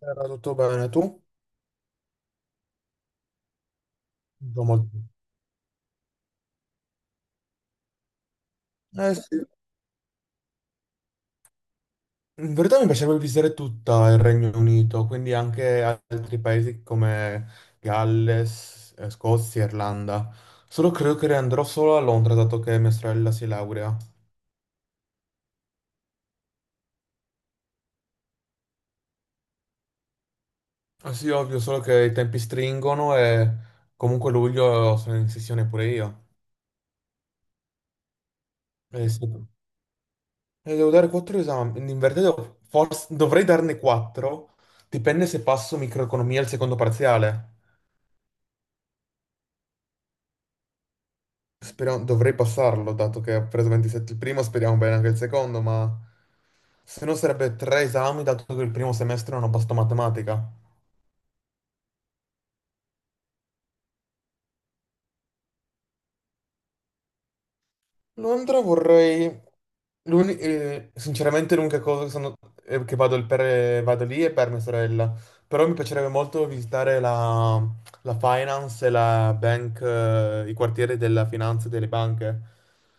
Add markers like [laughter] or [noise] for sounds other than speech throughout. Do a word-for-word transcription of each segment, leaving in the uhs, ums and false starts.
Era tutto bene, tu? Tutto molto- Eh sì, in verità mi piacerebbe visitare tutta il Regno Unito, quindi anche altri paesi come Galles, eh, Scozia, Irlanda. Solo credo che andrò solo a Londra, dato che mia sorella si laurea. Ah sì, ovvio, solo che i tempi stringono e comunque luglio sono in sessione pure io. Eh sì. E devo dare quattro esami, in verità devo- forse- dovrei darne quattro, dipende se passo microeconomia al secondo parziale. Speriamo, dovrei passarlo, dato che ho preso ventisette il primo, speriamo bene anche il secondo, ma se no sarebbe tre esami, dato che il primo semestre non ho passato matematica. Londra vorrei. l'uni- eh, sinceramente l'unica cosa che, sono- eh, che vado, il per- vado lì è per mia sorella, però mi piacerebbe molto visitare la, la finance e la bank, eh, i quartieri della finanza e delle banche,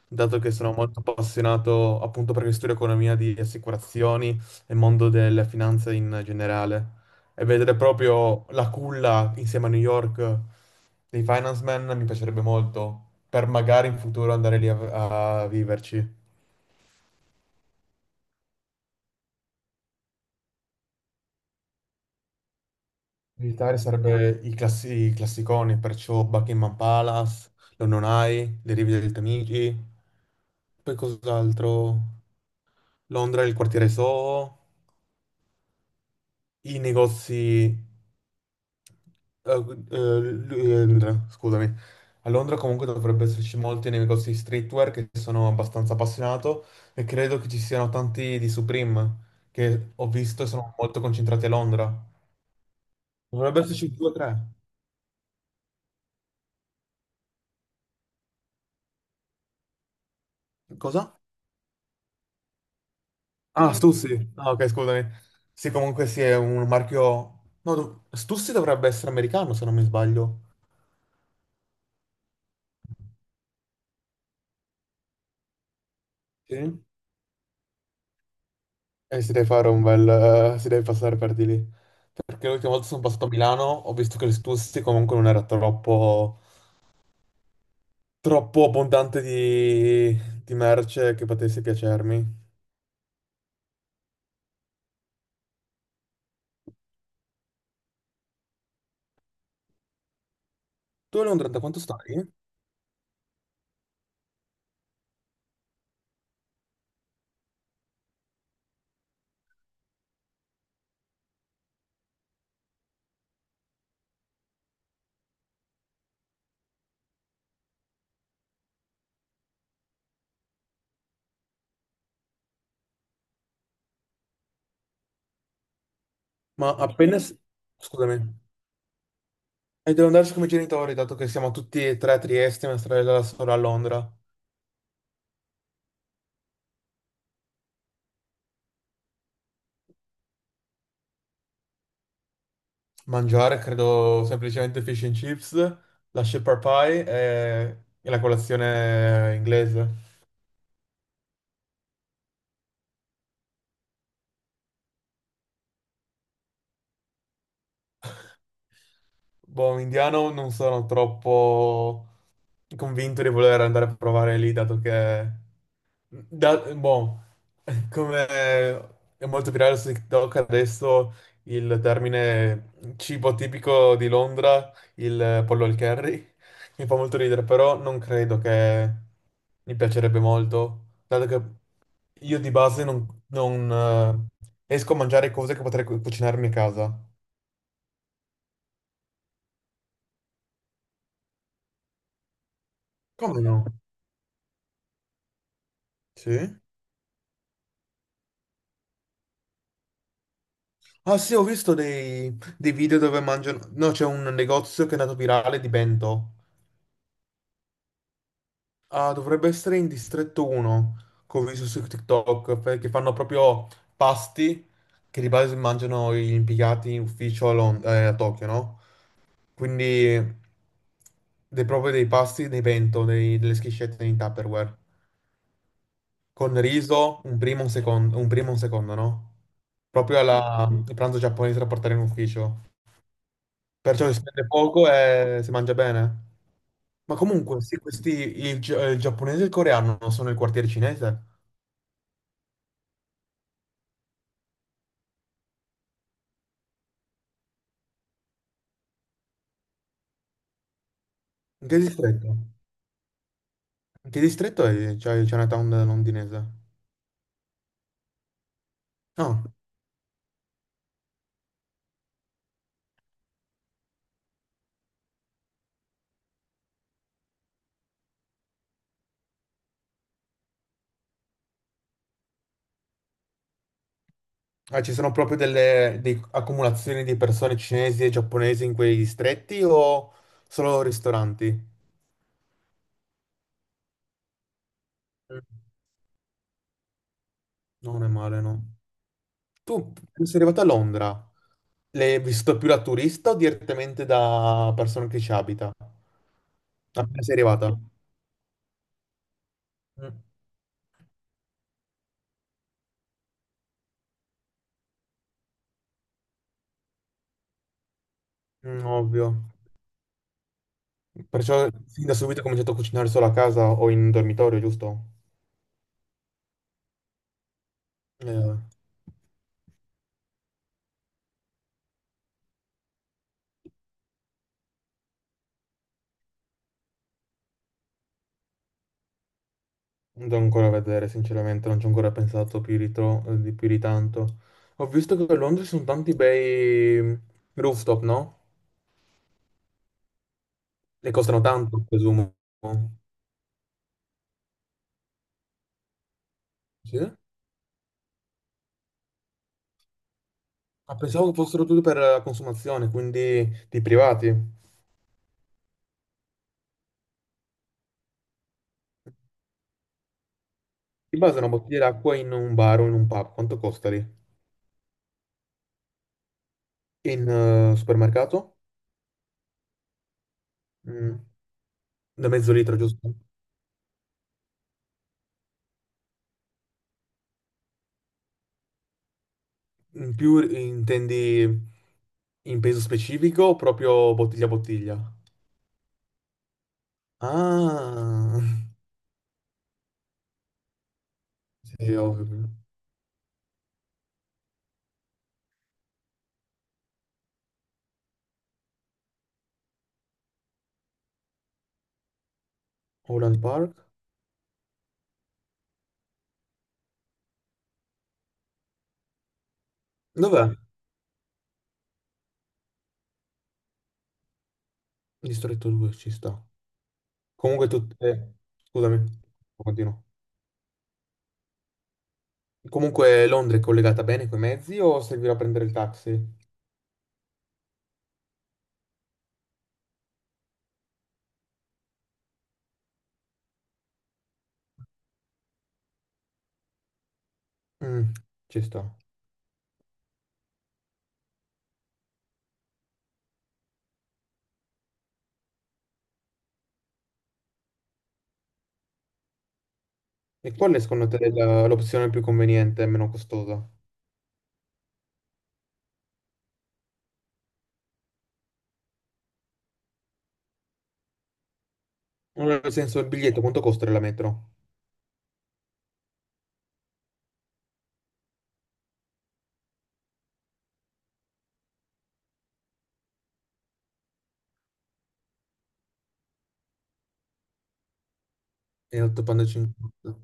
dato che sono molto appassionato appunto perché studio economia di assicurazioni e mondo della finanza in generale e vedere proprio la culla insieme a New York dei Finance Man mi piacerebbe molto, per magari in futuro andare lì a, a viverci. Visitare sarebbe i, classi- i classiconi, perciò Buckingham Palace, London Eye, le rive del Tamigi, poi cos'altro? Londra, il quartiere Soho, i negozi. Eh, eh, lui- eh, Londra, scusami. A Londra comunque dovrebbe esserci molti nei negozi di streetwear che sono abbastanza appassionato e credo che ci siano tanti di Supreme che ho visto e sono molto concentrati a Londra. Dovrebbe esserci due o tre. Cosa? Ah, Stussy. Ah, ok, scusami. Sì, comunque sì, è un marchio. No, dov- Stussy dovrebbe essere americano, se non mi sbaglio. Sì? Eh, si deve fare un bel... eh, si deve passare per di lì. Perché l'ultima volta sono passato a Milano, ho visto che l'Estussi comunque non era troppo... troppo abbondante di, di merce che potesse piacermi. Tu, Londra, da quanto stai? Ma appena... s- Scusami. E devo andarci come genitori, dato che siamo tutti e tre a Trieste, mia sorella e la sorella a Londra. Mangiare, credo, semplicemente fish and chips, la shepherd pie e e la colazione inglese. Boh, indiano non sono troppo convinto di voler andare a provare lì, dato che. Da, boh, [laughs] come è molto virale su TikTok adesso il termine cibo tipico di Londra, il pollo al curry, [laughs] mi fa molto ridere, però non credo che mi piacerebbe molto, dato che io di base non, non, eh, esco a mangiare cose che potrei cu- cucinarmi a casa. Come no? Sì? Ah sì, ho visto dei, dei video dove mangiano. No, c'è un negozio che è andato virale di bento. Ah, dovrebbe essere in distretto uno, che ho visto su TikTok, perché fanno proprio pasti che di base mangiano gli impiegati in ufficio a, Lon- eh, a Tokyo, no? Quindi dei, proprio dei pasti, dei bento, dei- delle schiscette in Tupperware. Con riso, un primo, un secondo, un primo e un secondo, no? Proprio alla- il pranzo giapponese da portare in ufficio. Perciò si spende poco e si mangia bene. Ma comunque, sì, questi, il, gia- il giapponese e il coreano non sono il quartiere cinese? In che distretto? In che distretto è? C'è il Chinatown londinese? No. Ah, ci sono proprio delle, dei- accumulazioni di persone cinesi e giapponesi in quei distretti o solo ristoranti? Mm. Non è male, no. Tu sei arrivato a Londra, l'hai vissuto più da turista o direttamente da persona che ci abita? Appena sei arrivata? Mm, mm, ovvio. Perciò fin da subito ho cominciato a cucinare solo a casa o in dormitorio, giusto? Eh, non devo ancora vedere, sinceramente, non ci ho ancora pensato più di, tro- di più di tanto. Ho visto che a Londra ci sono tanti bei rooftop, no? E costano tanto, presumo. Sì? Ah, pensavo che fossero tutti per la consumazione, quindi di privati. Di base una bottiglia d'acqua in un bar o in un pub, quanto costa lì? In eh, supermercato? Mm, da mezzo litro, giusto? In più intendi in peso specifico o proprio bottiglia a bottiglia? Ah, sì, ho capito. Holland Park? Dov'è? Distretto due ci sta. Comunque tutte... Scusami, continuo. Comunque Londra è collegata bene coi mezzi o servirà prendere il taxi? Mm, ci sta. E qual è secondo te la- l'opzione più conveniente e meno costosa? Allora, nel senso, il biglietto quanto costa la metro? È otto virgola cinquanta.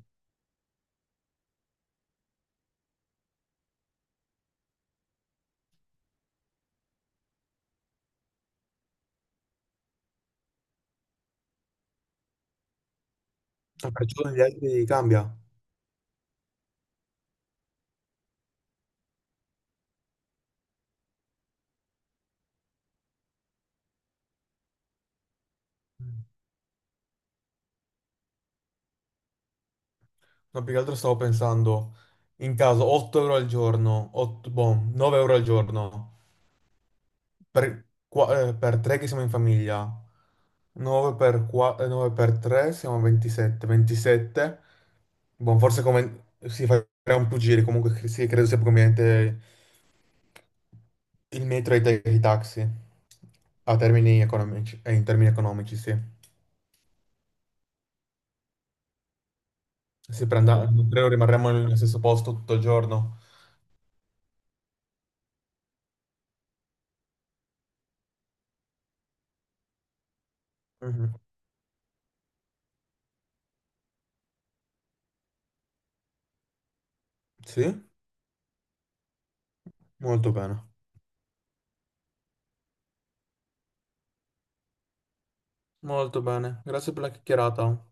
Ah, perciò gli altri cambia. No, più che altro stavo pensando, in caso otto euro al giorno, otto, boh, nove euro al giorno, per, qua- eh, per tre che siamo in famiglia, nove per, qua- eh, nove per tre siamo a ventisette, ventisette, boh, forse come si fa un più giri, comunque cre- sì, credo sia più conveniente il metro e i ta- i taxi, a termini economici, eh, in termini economici, sì. Se prendiamo, certo, credo rimarremo nello stesso posto tutto il giorno. Mhm. Sì? Molto bene, molto bene. Grazie per la chiacchierata.